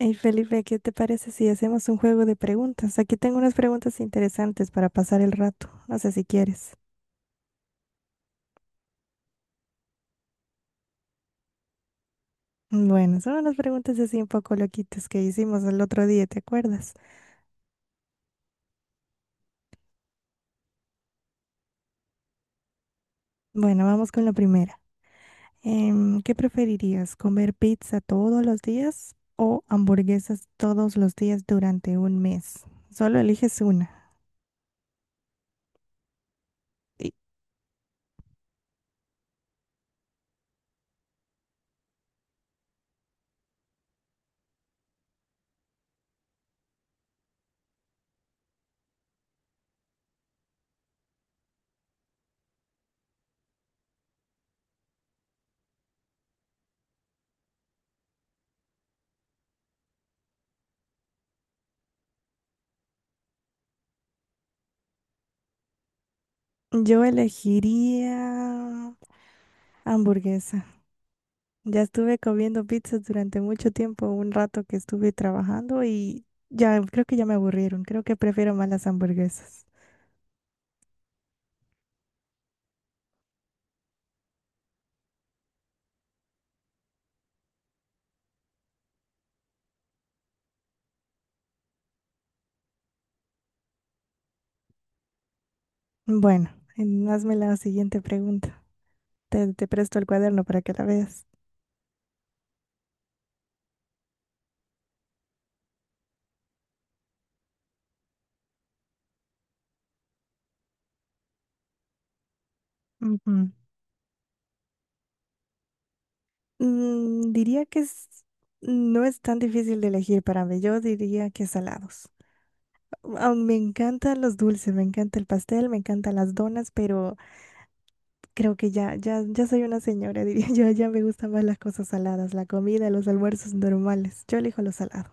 Hey Felipe, ¿qué te parece si hacemos un juego de preguntas? Aquí tengo unas preguntas interesantes para pasar el rato. No sé si quieres. Bueno, son unas preguntas así un poco loquitas que hicimos el otro día, ¿te acuerdas? Bueno, vamos con la primera. ¿Qué preferirías? ¿Comer pizza todos los días o hamburguesas todos los días durante un mes? Solo eliges una. Y Yo elegiría hamburguesa. Ya estuve comiendo pizzas durante mucho tiempo, un rato que estuve trabajando y ya creo que ya me aburrieron. Creo que prefiero más las hamburguesas. Bueno, hazme la siguiente pregunta. Te presto el cuaderno para que la veas. Ujú. Mm, no es tan difícil de elegir para mí. Yo diría que salados. Ah, me encantan los dulces, me encanta el pastel, me encantan las donas, pero creo que ya soy una señora, diría yo. Ya me gustan más las cosas saladas, la comida, los almuerzos normales. Yo elijo lo salado.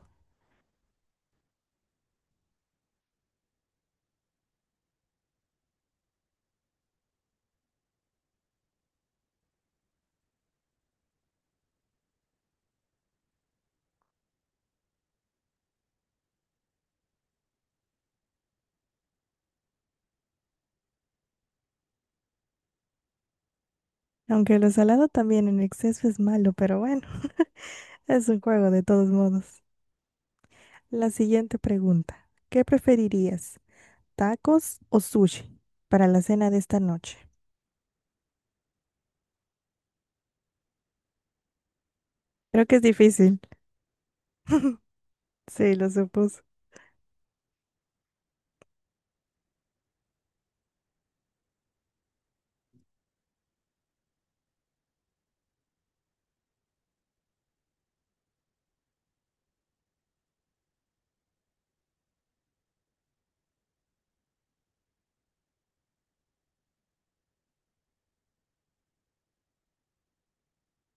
Aunque lo salado también en exceso es malo, pero bueno, es un juego de todos modos. La siguiente pregunta. ¿Qué preferirías? ¿Tacos o sushi para la cena de esta noche? Creo que es difícil. Sí, lo supuse.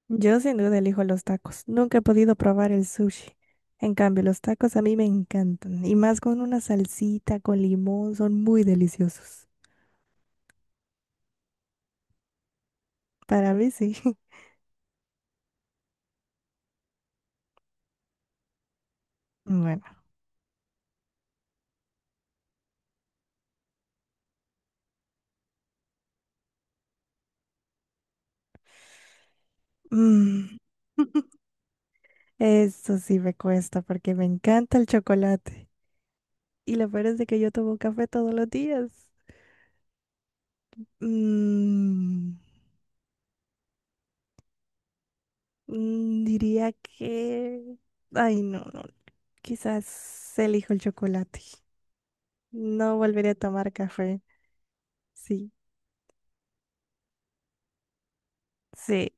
Yo sin duda elijo los tacos. Nunca he podido probar el sushi. En cambio, los tacos a mí me encantan. Y más con una salsita, con limón, son muy deliciosos. Para mí sí. Bueno. mm, Eso sí me cuesta porque me encanta el chocolate. Y lo peor es de que yo tomo café todos los días. Mm, Diría que... Ay, no, no. Quizás elijo el chocolate. No volveré a tomar café. Sí. Sí,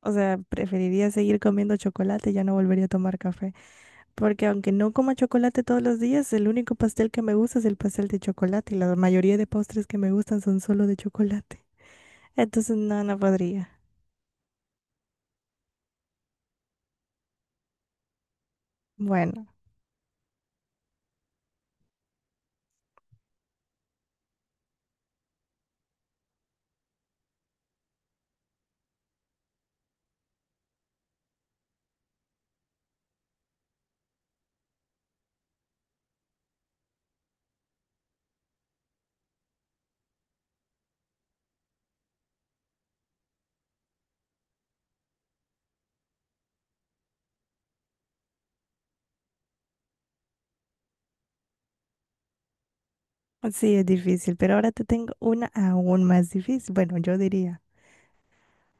o sea, preferiría seguir comiendo chocolate, ya no volvería a tomar café, porque aunque no coma chocolate todos los días, el único pastel que me gusta es el pastel de chocolate y la mayoría de postres que me gustan son solo de chocolate. Entonces, no, no podría. Bueno, sí es difícil, pero ahora te tengo una aún más difícil. Bueno, yo diría,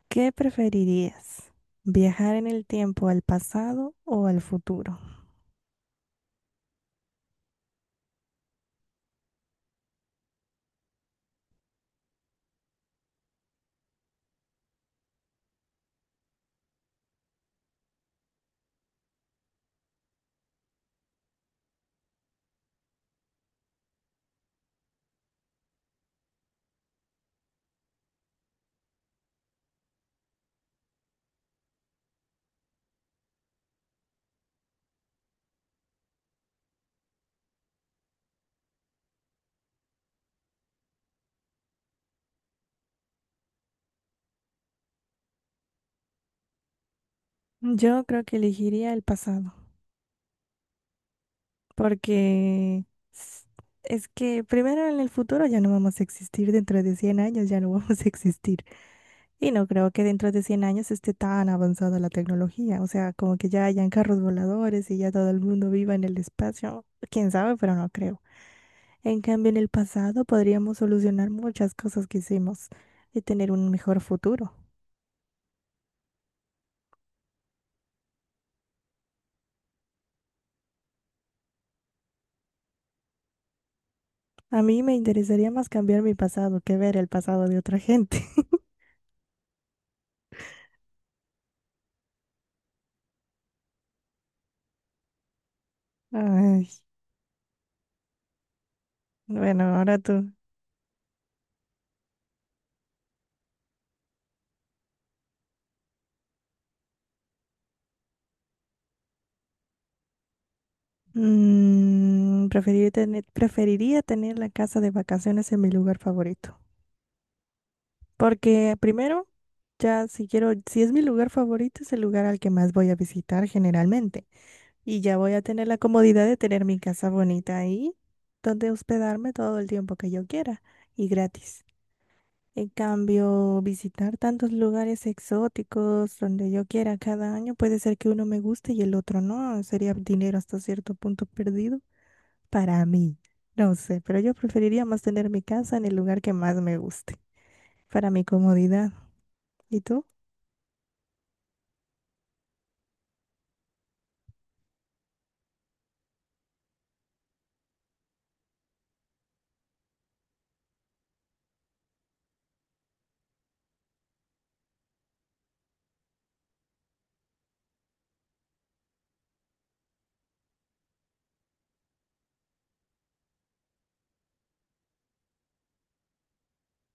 ¿qué preferirías? ¿Viajar en el tiempo al pasado o al futuro? Yo creo que elegiría el pasado. Porque s- es que primero en el futuro ya no vamos a existir, dentro de 100 años ya no vamos a existir. Y no creo que dentro de 100 años esté tan avanzada la tecnología. O sea, como que ya hayan carros voladores y ya todo el mundo viva en el espacio. Quién sabe, pero no creo. En cambio, en el pasado podríamos solucionar muchas cosas que hicimos y tener un mejor futuro. A mí me interesaría más cambiar mi pasado que ver el pasado de otra gente. Ay, bueno, ahora tú. Mm, preferiría tener la casa de vacaciones en mi lugar favorito. Porque primero, ya si quiero, si es mi lugar favorito, es el lugar al que más voy a visitar generalmente. Y ya voy a tener la comodidad de tener mi casa bonita ahí, donde hospedarme todo el tiempo que yo quiera y gratis. En cambio, visitar tantos lugares exóticos donde yo quiera cada año puede ser que uno me guste y el otro no. Sería dinero hasta cierto punto perdido. Para mí, no sé, pero yo preferiría más tener mi casa en el lugar que más me guste, para mi comodidad. ¿Y tú?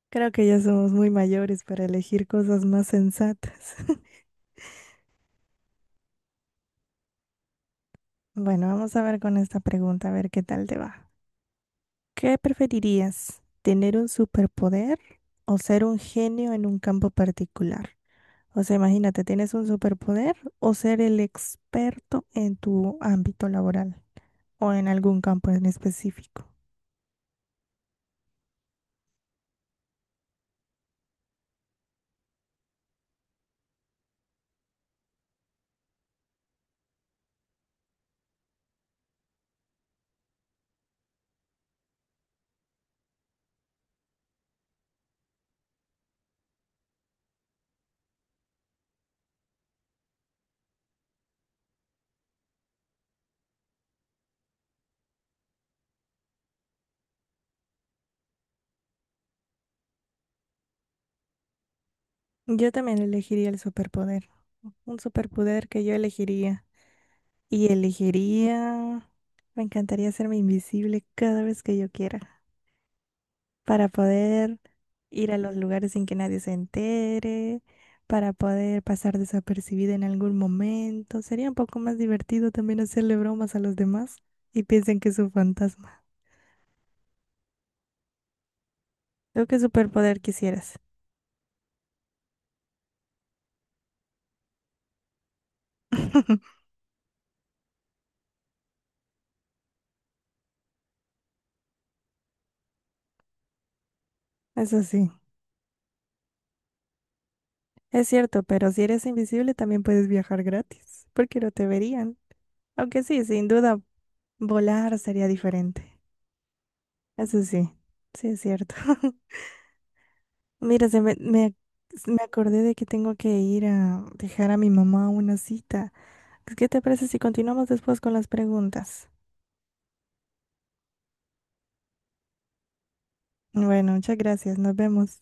Creo que ya somos muy mayores para elegir cosas más sensatas. Bueno, vamos a ver con esta pregunta, a ver qué tal te va. ¿Qué preferirías? ¿Tener un superpoder o ser un genio en un campo particular? O sea, imagínate, ¿tienes un superpoder o ser el experto en tu ámbito laboral o en algún campo en específico? Yo también elegiría el superpoder. Un superpoder que yo elegiría. Y elegiría... Me encantaría hacerme invisible cada vez que yo quiera. Para poder ir a los lugares sin que nadie se entere. Para poder pasar desapercibida en algún momento. Sería un poco más divertido también hacerle bromas a los demás y piensen que es un fantasma. ¿Tú qué superpoder quisieras? Eso sí, es cierto, pero si eres invisible también puedes viajar gratis, porque no te verían. Aunque sí, sin duda, volar sería diferente. Eso sí, sí es cierto. Mira, me acordé de que tengo que ir a dejar a mi mamá una cita. ¿Qué te parece si continuamos después con las preguntas? Bueno, muchas gracias. Nos vemos.